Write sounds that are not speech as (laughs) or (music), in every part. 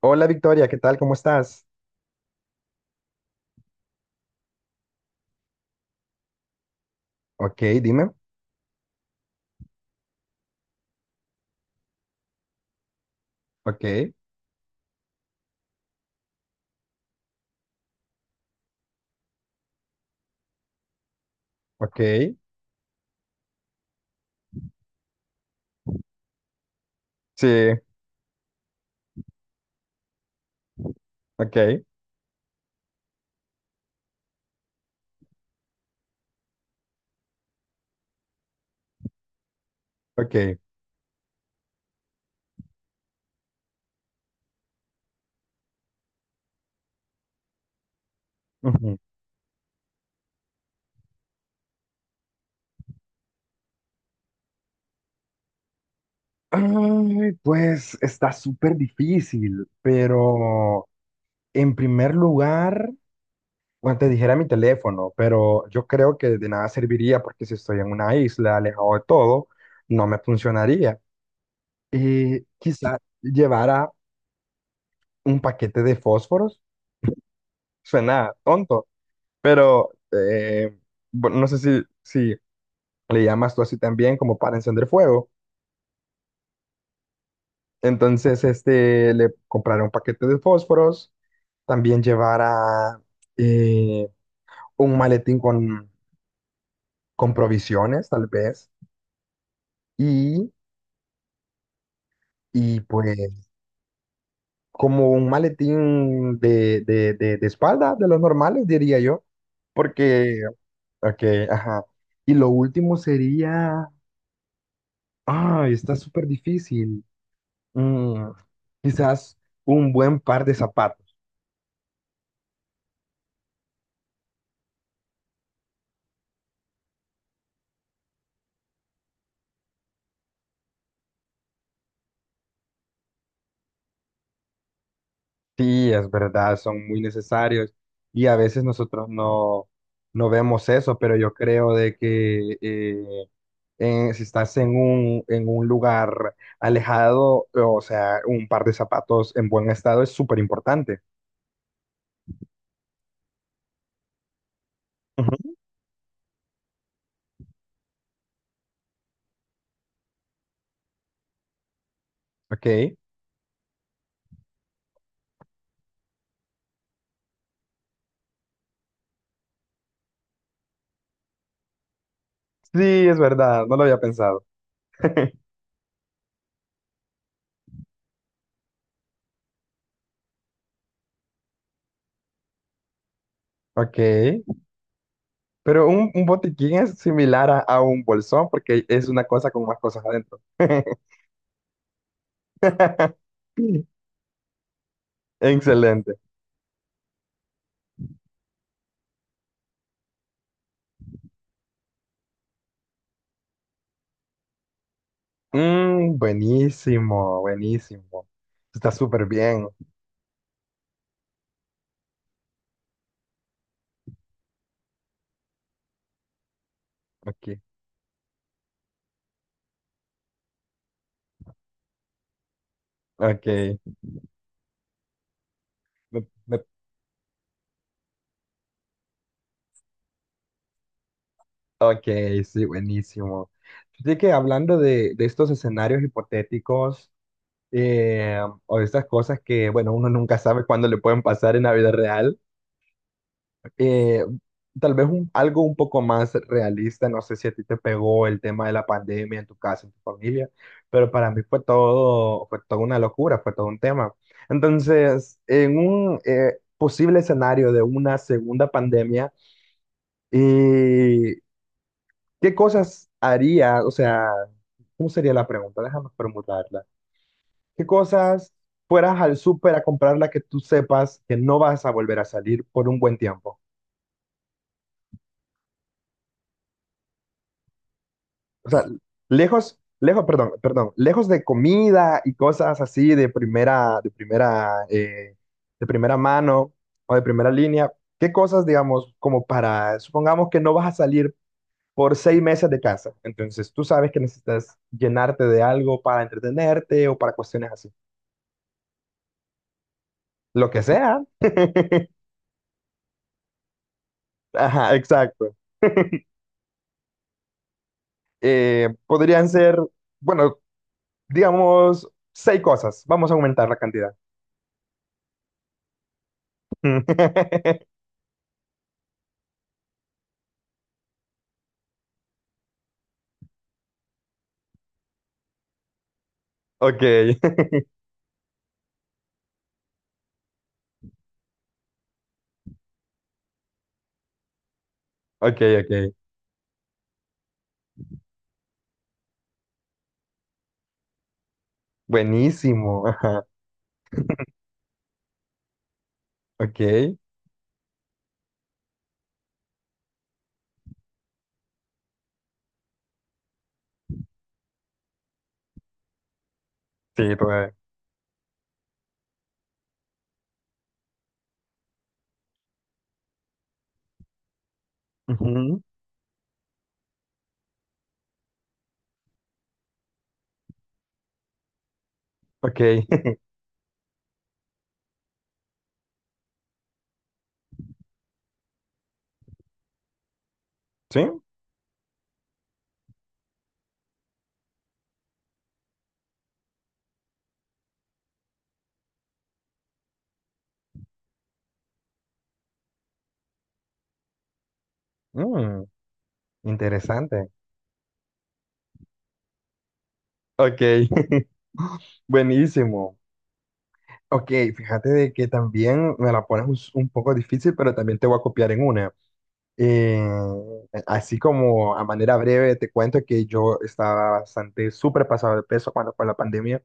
Hola Victoria, ¿qué tal? ¿Cómo estás? Ok, dime. Ok, ok. Sí, ok, ok. Ujú. Ay, pues está súper difícil, pero en primer lugar, bueno, te dijera mi teléfono, pero yo creo que de nada serviría porque si estoy en una isla, alejado de todo, no me funcionaría. Y quizá llevara un paquete de fósforos. Suena tonto, pero bueno, no sé si le llamas tú así también como para encender fuego. Entonces, este, le compraré un paquete de fósforos, también llevará eh, un maletín con provisiones, tal vez, y, y pues como un maletín de espalda, de los normales, diría yo, porque, ok, ajá. Y lo último sería, ay, está súper difícil. Mm, quizás un buen par de zapatos. Sí, es verdad, son muy necesarios y a veces nosotros no, no vemos eso, pero yo creo de que si estás en un lugar alejado, o sea, un par de zapatos en buen estado es súper importante. Ujú. Ok, sí, es verdad, no lo había pensado. (laughs) Ok, pero un botiquín es similar a un bolsón porque es una cosa con más cosas adentro. (laughs) Excelente. Mm, buenísimo, buenísimo. Está súper bien. Ok, ok. Me- me- Ok, sí, buenísimo. Así que hablando de estos escenarios hipotéticos eh, o de estas cosas que, bueno, uno nunca sabe cuándo le pueden pasar en la vida real, eh, tal vez algo un poco más realista, no sé si a ti te pegó el tema de la pandemia en tu casa, en tu familia, pero para mí fue todo, fue toda una locura, fue todo un tema. Entonces, en un posible escenario de una segunda pandemia, eh, ¿qué cosas haría? O sea, ¿cómo sería la pregunta? Déjame formularla. ¿Qué cosas fueras al súper a comprarla que tú sepas que no vas a volver a salir por un buen tiempo? O sea, lejos, lejos, perdón, perdón, lejos de comida y cosas así de primera, de primera, de primera mano o de primera línea, ¿qué cosas, digamos, como para, supongamos que no vas a salir por 6 meses de casa, entonces tú sabes que necesitas llenarte de algo para entretenerte o para cuestiones así, lo que sea. (laughs) Ajá, exacto. Podrían ser, bueno, digamos, 6 cosas. Vamos a aumentar la cantidad. (laughs) Ok. Ok, ok. Buenísimo. (laughs) Ajá. Ok. Sí, todavía. Ujú. Ok. (laughs) Sí. Mm, interesante. Ok. (laughs) Buenísimo. Ok, fíjate de que también me la pones un poco difícil, pero también te voy a copiar en una. Eh, Así como a manera breve te cuento que yo estaba bastante súper pasado de peso cuando fue la pandemia.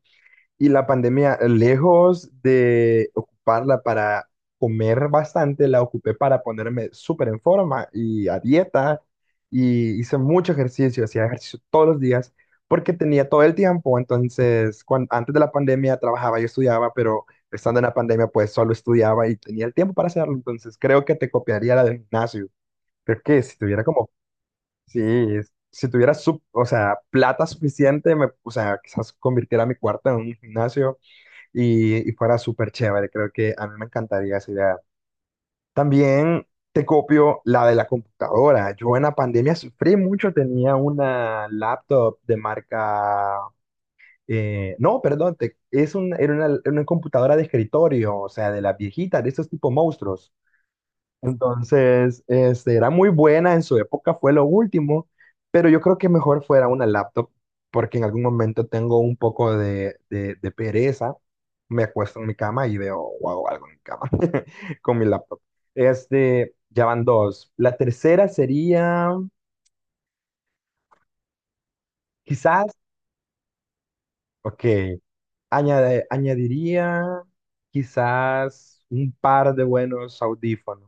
Y la pandemia, lejos de ocuparla para comer bastante, la ocupé para ponerme súper en forma y a dieta. Y hice mucho ejercicio, hacía ejercicio todos los días porque tenía todo el tiempo. Entonces, antes de la pandemia trabajaba y estudiaba, pero estando en la pandemia, pues solo estudiaba y tenía el tiempo para hacerlo. Entonces, creo que te copiaría la del gimnasio. Creo que si tuviera como, sí, si tuviera, o sea, plata suficiente, me, o sea, quizás convirtiera mi cuarto en un gimnasio y fuera súper chévere. Creo que a mí me encantaría esa idea. También te copio la de la computadora. Yo en la pandemia sufrí mucho, tenía una laptop de marca... no, perdón, es un, era una computadora de escritorio, o sea, de las viejitas, de esos tipo monstruos. Entonces, este, era muy buena, en su época fue lo último, pero yo creo que mejor fuera una laptop, porque en algún momento tengo un poco de pereza, me acuesto en mi cama y veo o hago algo en mi cama (laughs) con mi laptop. Este, ya van dos. La tercera sería, quizás, ok, añadiría quizás un par de buenos audífonos.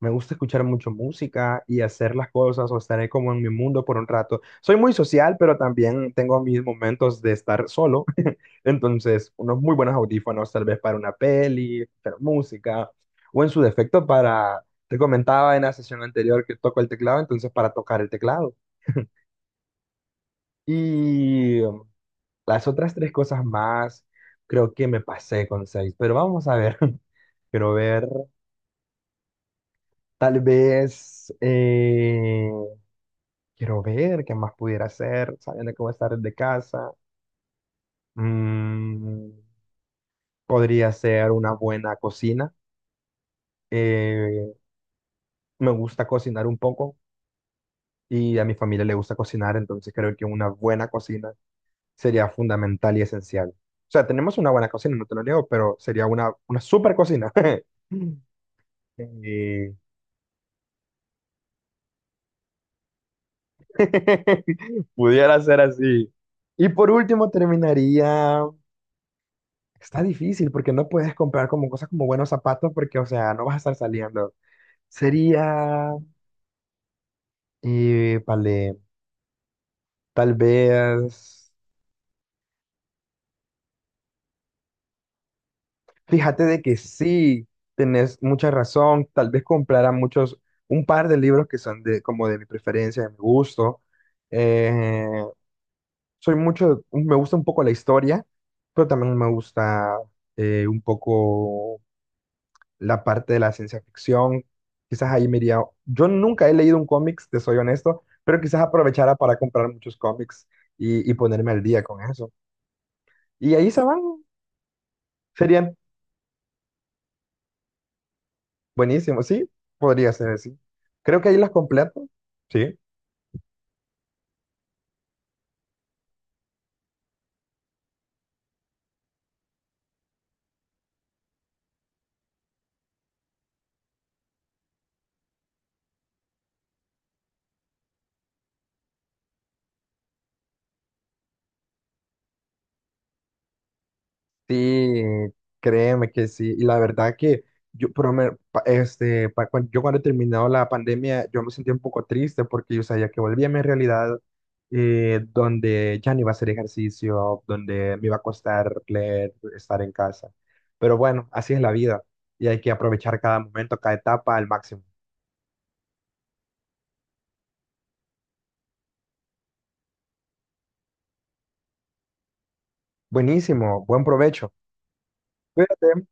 Me gusta escuchar mucho música y hacer las cosas o estaré como en mi mundo por un rato. Soy muy social, pero también tengo mis momentos de estar solo. (laughs) Entonces, unos muy buenos audífonos, tal vez para una peli, escuchar música, o en su defecto para, te comentaba en la sesión anterior que toco el teclado, entonces para tocar el teclado. (laughs) Y las otras tres cosas más, creo que me pasé con seis, pero vamos a ver. (laughs) Quiero ver, tal vez, quiero ver qué más pudiera hacer, sabiendo que voy a estar desde casa. Mm, podría ser una buena cocina. Eh, me gusta cocinar un poco y a mi familia le gusta cocinar, entonces creo que una buena cocina sería fundamental y esencial. O sea, tenemos una buena cocina, no te lo niego, pero sería una super cocina. (laughs) Eh, (laughs) pudiera ser así. Y por último terminaría. Está difícil porque no puedes comprar como cosas como buenos zapatos porque, o sea, no vas a estar saliendo. Sería, vale, tal vez, fíjate de que sí, tenés mucha razón, tal vez comprara muchos, un par de libros que son de, como de mi preferencia, de mi gusto. Eh, soy mucho, me gusta un poco la historia, pero también me gusta un poco la parte de la ciencia ficción. Quizás ahí me iría. Yo nunca he leído un cómics, te soy honesto, pero quizás aprovechara para comprar muchos cómics y ponerme al día con eso. Y ahí se van, serían buenísimos, sí, podría ser así. Creo que ahí las completo, sí. Sí, créeme que sí. Y la verdad que yo, pero este, yo cuando he terminado la pandemia, yo me sentí un poco triste porque yo sabía que volvía a mi realidad donde ya no iba a hacer ejercicio, donde me iba a costar leer, estar en casa. Pero bueno, así es la vida y hay que aprovechar cada momento, cada etapa al máximo. Buenísimo, buen provecho. Cuídate.